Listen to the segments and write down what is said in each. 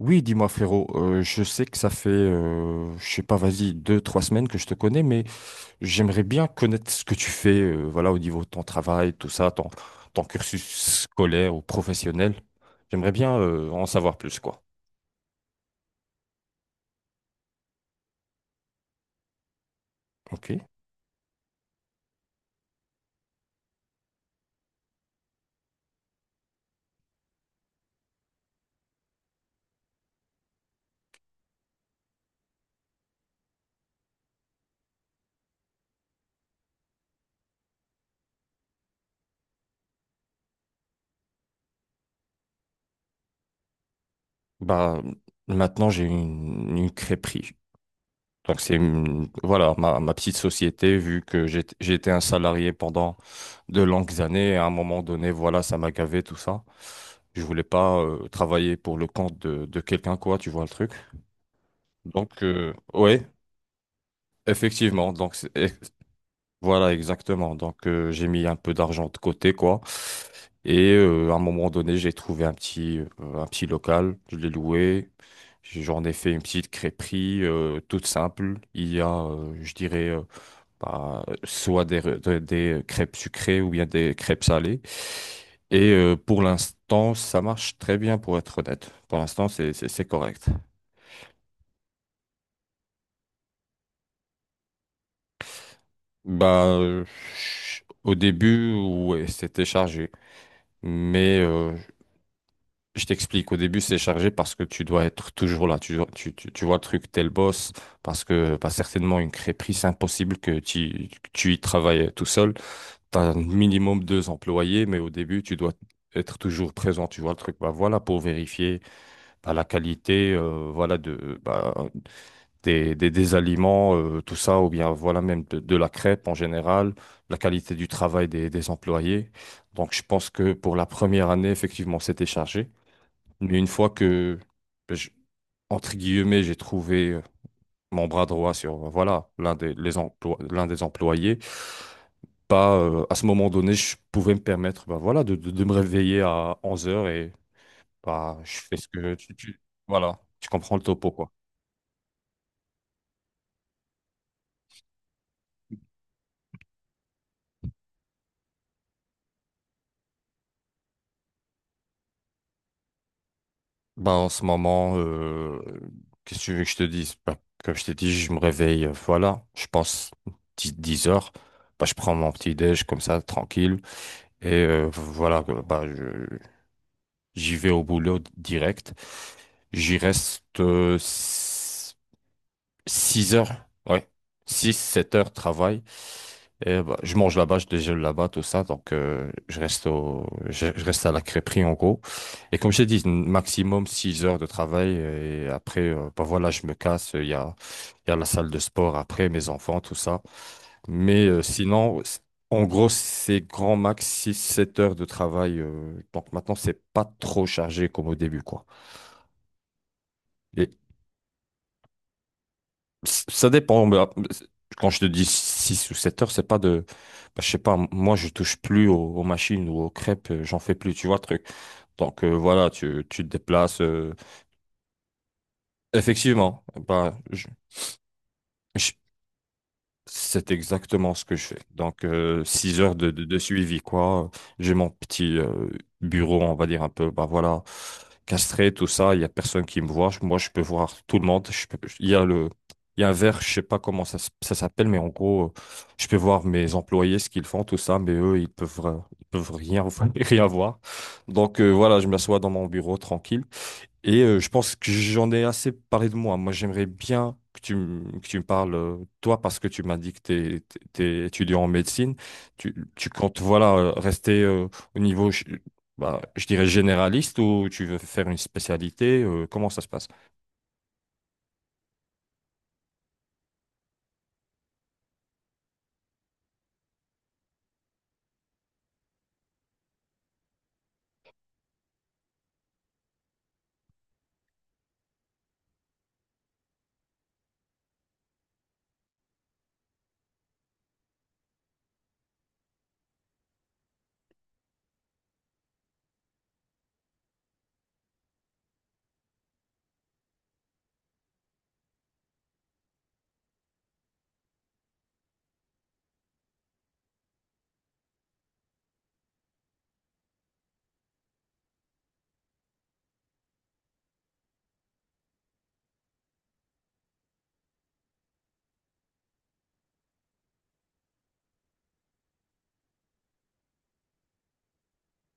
Oui, dis-moi frérot, je sais que ça fait, je sais pas, vas-y, deux, trois semaines que je te connais, mais j'aimerais bien connaître ce que tu fais, voilà, au niveau de ton travail, tout ça, ton cursus scolaire ou professionnel. J'aimerais bien, en savoir plus, quoi. Ok. Bah, maintenant j'ai une crêperie. Donc voilà ma petite société vu que j'ai été un salarié pendant de longues années et à un moment donné voilà ça m'a gavé tout ça. Je voulais pas travailler pour le compte de quelqu'un quoi, tu vois le truc. Donc ouais, effectivement. Voilà exactement. Donc j'ai mis un peu d'argent de côté quoi. Et à un moment donné, j'ai trouvé un petit un petit local, je l'ai loué. J'en ai fait une petite crêperie toute simple. Il y a, je dirais bah, soit des crêpes sucrées ou bien des crêpes salées. Et pour l'instant, ça marche très bien pour être honnête. Pour l'instant, c'est correct. Bah, au début, ouais, c'était chargé. Mais je t'explique, au début, c'est chargé parce que tu dois être toujours là. Tu vois le truc, t'es le boss. Parce que bah, certainement, une crêperie, c'est impossible que que tu y travailles tout seul. Tu as un minimum deux employés, mais au début, tu dois être toujours présent, tu vois le truc. Bah, voilà, pour vérifier bah, la qualité, voilà, bah, des aliments, tout ça, ou bien voilà même de la crêpe en général, la qualité du travail des employés. Donc, je pense que pour la première année, effectivement, c'était chargé. Mais une fois que, bah, je- entre guillemets, j'ai trouvé mon bras droit sur voilà, l'un des employés, pas, à ce moment donné, je pouvais me permettre bah, voilà, de me réveiller à onze heures et bah, je fais ce que tu- voilà, tu comprends le topo, quoi. Bah, en ce moment, qu'est-ce que tu veux que je te dise? Bah, comme je t'ai dit, je me réveille, voilà, je pense 10, 10 heures. Bah, je prends mon petit déj comme ça, tranquille. Et voilà, j'y vais au boulot direct. J'y reste 6 heures, ouais. Six 7 heures de travail. Et bah, je mange là-bas, je déjeune là-bas, tout ça. Donc, je reste à la crêperie, en gros. Et comme j'ai dit, maximum 6 heures de travail. Et après, bah voilà, je me casse. Il y a la salle de sport après, mes enfants, tout ça. Mais en gros, c'est grand max six sept heures de travail. Donc maintenant, c'est pas trop chargé comme au début, quoi. Ça dépend. Mais, quand je te dis 6 ou 7 heures, c'est pas de. Bah, je sais pas, moi, je touche plus aux, aux machines ou aux crêpes, j'en fais plus, tu vois, le truc. Donc voilà, tu te déplaces. Effectivement, bah, je c'est exactement ce que je fais. Donc, six heures de suivi, quoi. J'ai mon petit bureau, on va dire un peu, bah voilà, castré, tout ça. Il y a personne qui me voit. Moi, je peux voir tout le monde. Il y a il y a un verre, je sais pas ça s'appelle, mais en gros, je peux voir mes employés, ce qu'ils font, tout ça, mais eux, ils peuvent rien, rien voir. Donc, voilà, je m'assois dans mon bureau tranquille. Et je pense que j'en ai assez parlé de moi. Moi, j'aimerais bien que tu me parles, toi, parce que tu m'as dit que tu es, t'es t'es étudiant en médecine. Tu comptes, voilà, rester au niveau, bah, je dirais, généraliste ou tu veux faire une spécialité? Comment ça se passe?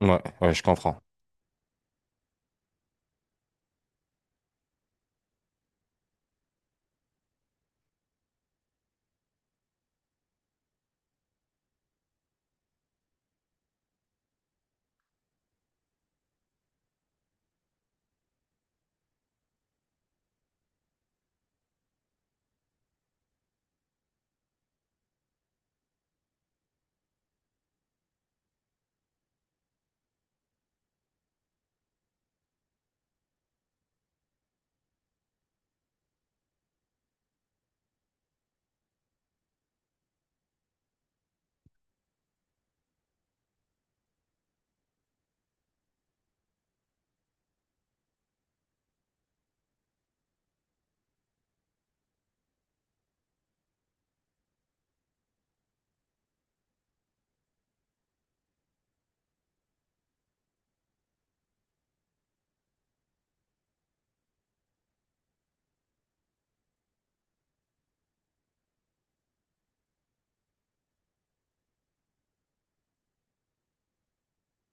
Ouais, ouais, je comprends.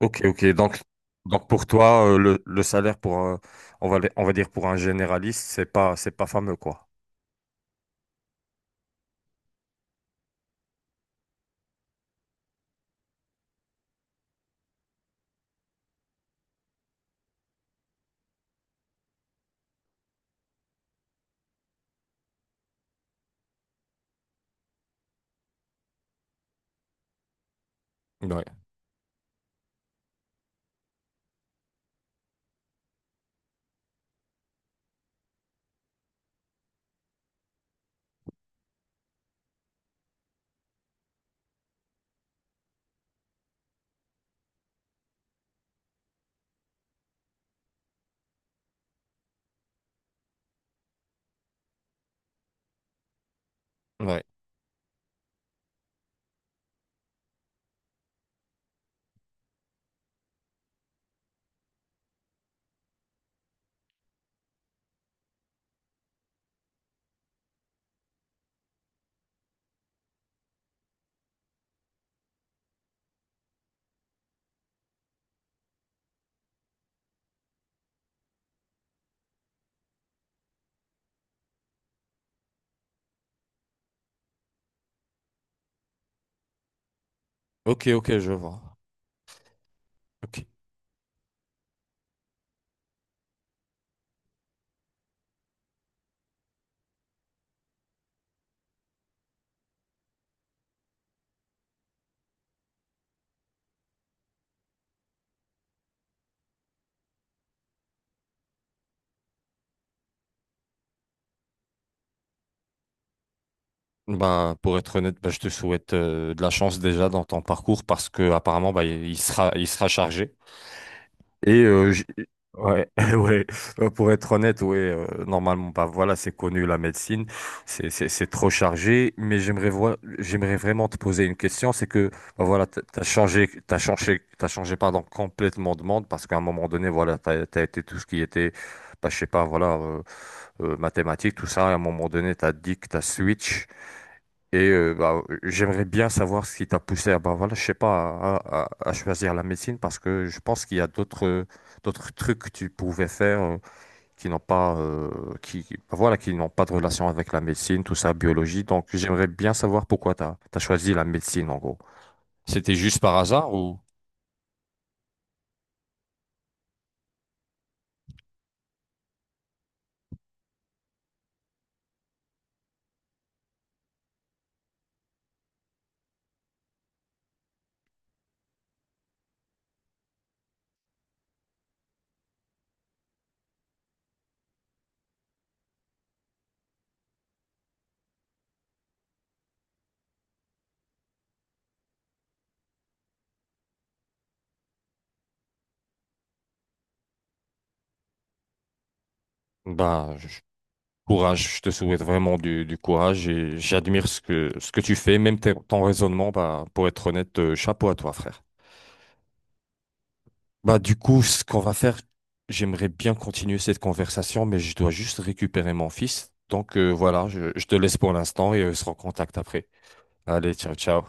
Ok, ok. Donc pour toi, le salaire pour, on va, on va dire pour un généraliste, c'est pas fameux, quoi. Ouais, ouais. Ok, ok, je vois. Ok. Ben, pour être honnête, ben, je te souhaite de la chance déjà dans ton parcours parce que apparemment ben, il sera chargé. Et ouais, ouais. Ben, pour être honnête, ouais, normalement, ben, voilà, c'est connu la médecine, c'est trop chargé. Mais j'aimerais voir, j'aimerais vraiment te poser une question, c'est que ben, voilà, t'as changé pardon complètement de monde parce qu'à un moment donné, voilà, t'as été tout ce qui était, ben, je sais pas, voilà, mathématiques, tout ça. Et à un moment donné, t'as dit que t'as switch. Et bah, j'aimerais bien savoir ce qui t'a poussé à, bah, voilà, je sais pas, à choisir la médecine parce que je pense qu'il y a d'autres d'autres trucs que tu pouvais faire qui n'ont pas bah, voilà qui n'ont pas de relation avec la médecine, tout ça, biologie. Donc j'aimerais bien savoir pourquoi t'as choisi la médecine en gros. C'était juste par hasard ou? Bah, je- Courage, je te souhaite vraiment du courage et j'admire ce que tu fais, ton raisonnement. Bah, pour être honnête, chapeau à toi, frère. Bah, du coup, ce qu'on va faire, j'aimerais bien continuer cette conversation, mais je dois juste récupérer mon fils. Donc, voilà, je te laisse pour l'instant et on se recontacte après. Allez, ciao, ciao.